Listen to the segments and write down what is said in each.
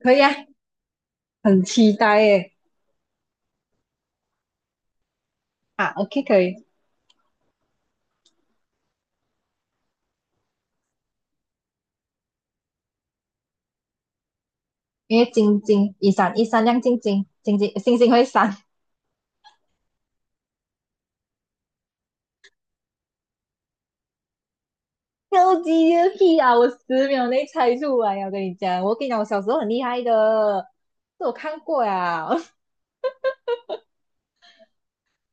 可以啊。很期待耶！啊，OK,可以。因为晶晶一闪一闪亮晶晶，晶晶星星会闪。超级牛屁啊！我10秒内猜出来啊，我跟你讲我小时候很厉害的，这我看过呀。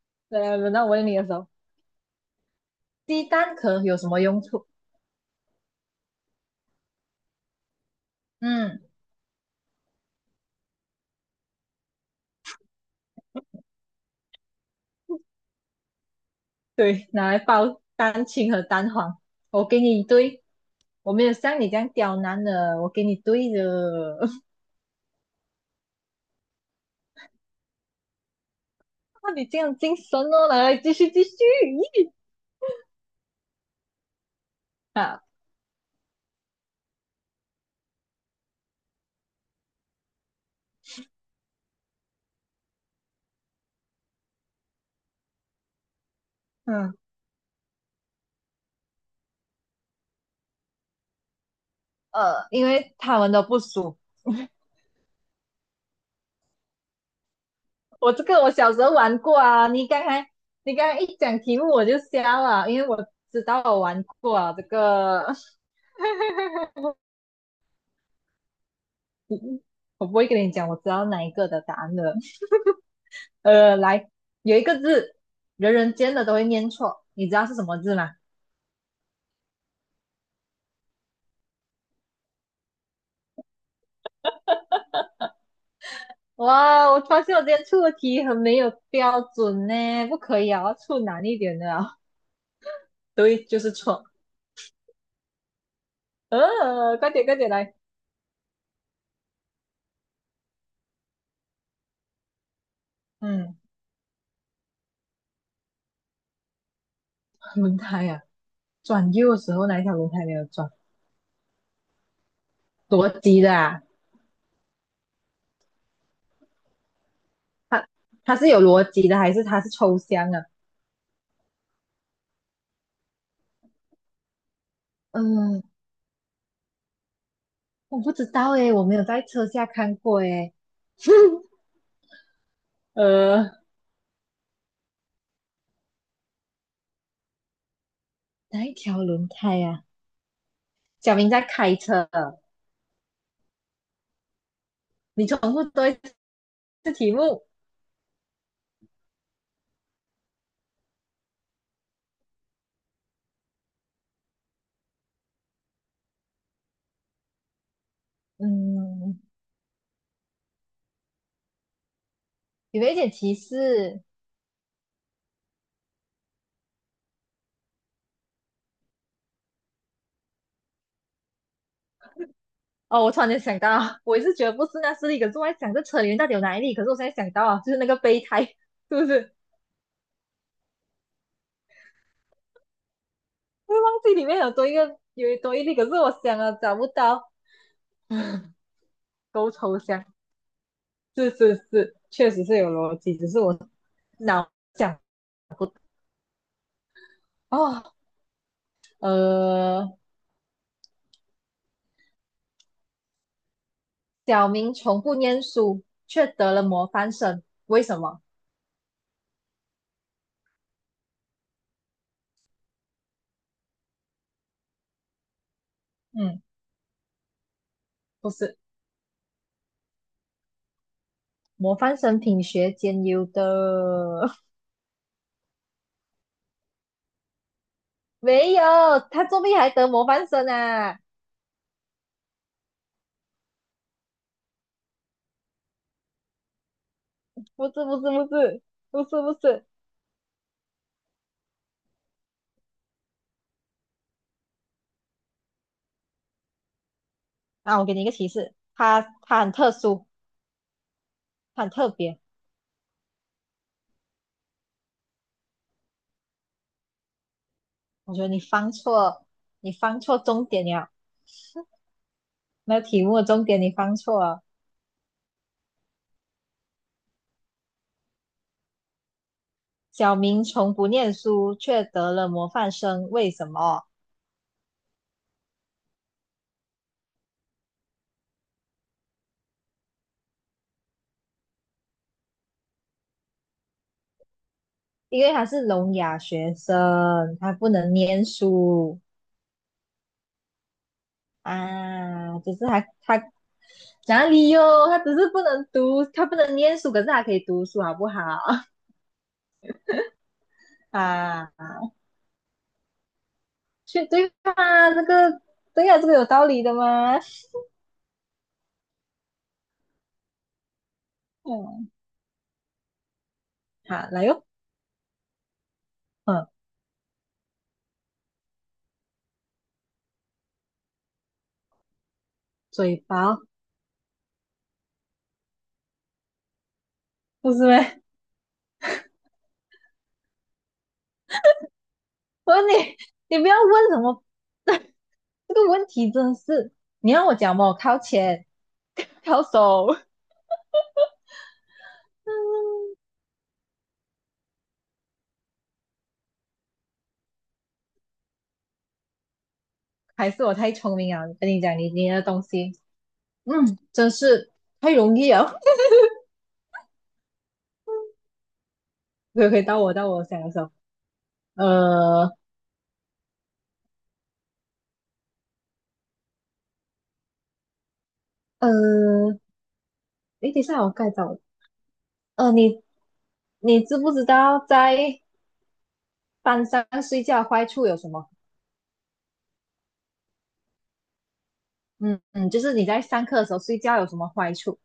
轮到我问你的时候，鸡蛋壳有什么用处？嗯，对，拿来包蛋清和蛋黄。我给你一堆，我没有像你这样刁难的，我给你堆的。那你这样精神哦，来来，继续继续。咦，啊，嗯。因为他们都不熟。我这个我小时候玩过啊，你刚才一讲题目我就瞎了，因为我知道我玩过啊。这个我不会跟你讲，我知道哪一个的答案的。来，有一个字，人人见的都会念错，你知道是什么字吗？哇，我发现我今天出的题很没有标准呢，不可以啊，我要出难一点的啊。 对，就是错。快点快点来。嗯，轮胎啊，转右的时候哪一条轮胎没有转？逻辑的啊，它它是有逻辑的，还是它是抽象啊？嗯，我不知道诶，我没有在车下看过诶。呃，哪一条轮胎呀、啊？小明在开车，你重复多一次题目。嗯，有没有一点提示？哦，我突然间想到，我也是觉得不是那是力，可是我在想这车里面到底有哪一粒？可是我现在想到啊，就是那个备胎，是不是？我忘记里面有多一个，有多一粒，可是我想了找不到。够抽象。是，确实是有逻辑，只是我脑想哦。呃，小明从不念书，却得了模范生，为什么？嗯，不是，模范生品学兼优的。没有，他作弊还得模范生啊？不是不是不是不是，啊，我给你一个提示，他很特殊，他很特别。我觉得你放错，你放错重点了，那题目的重点你放错了。小明从不念书，却得了模范生，为什么？因为他是聋哑学生，他不能念书啊。只是他哪里哟？他只是不能读，他不能念书，可是他可以读书，好不好？啊，去对吧？这个对呀、啊这个有道理的吗？嗯，好，来哟。嗯，嘴巴不是呗？我问你，你不要问什么。这个问题真的是，你让我讲嘛，我靠前，靠手。还是我太聪明了，跟你讲，你的东西，嗯，真是太容易了。可以，到我想的时候。呃呃，你等一下我该找，呃，你你知不知道在班上睡觉的坏处有什么？嗯嗯，就是你在上课的时候睡觉有什么坏处？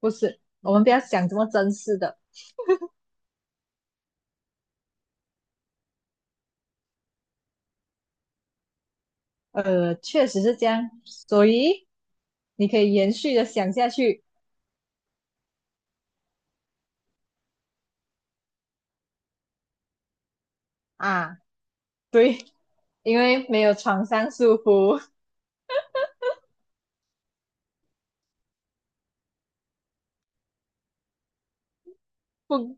不是，我们不要想这么真实的。确实是这样，所以你可以延续的想下去啊，对，因为没有床上舒服，不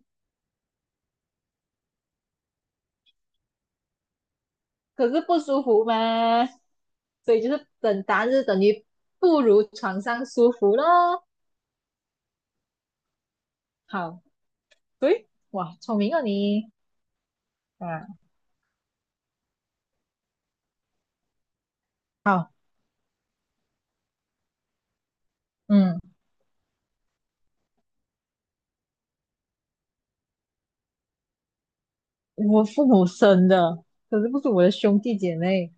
可是不舒服嘛，所以就是等答案就是等于不如床上舒服咯。好，对，哇，聪明哦你。啊，好，嗯，我父母生的，可是不是我的兄弟姐妹，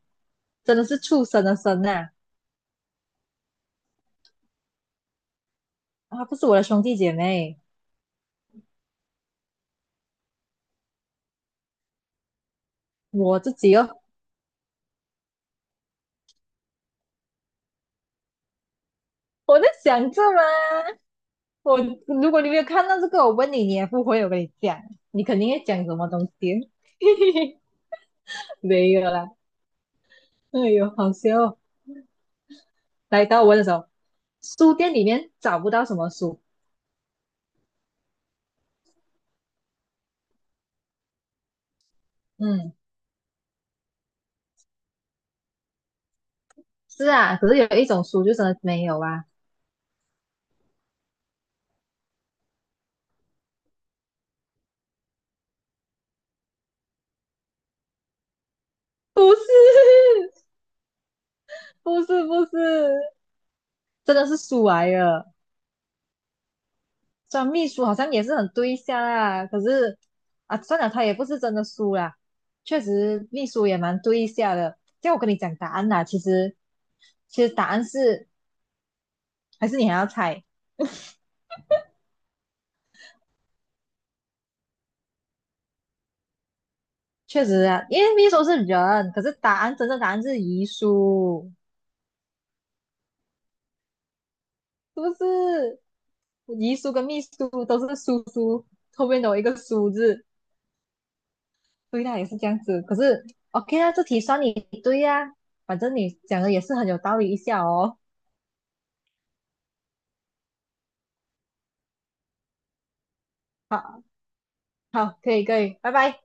真的是畜生的生啊。啊，不是我的兄弟姐妹，我自己哦，我在想这嘛。我，如果你没有看到这个，我问你，你也不会，我跟你讲，你肯定会讲什么东西。没有啦，哎呦，好笑哦。来到我的时候，书店里面找不到什么书。嗯，是啊，可是有一种书就真的没有啊。不是。不是，不是，真的是书来了。虽然秘书好像也是很对象啊，可是啊，算了，他也不是真的书啦。确实，秘书也蛮对一下的。叫我跟你讲答案啦，其实答案是，还是你还要猜。确实啊，因为秘书是人，可是答案真正答案是遗书，是不是？遗书跟秘书都是叔叔后面有一个叔字，所以他也是这样子。可是 OK 啊，这题算你对呀、啊反正你讲的也是很有道理一下哦。好，好，可以，可以，拜拜。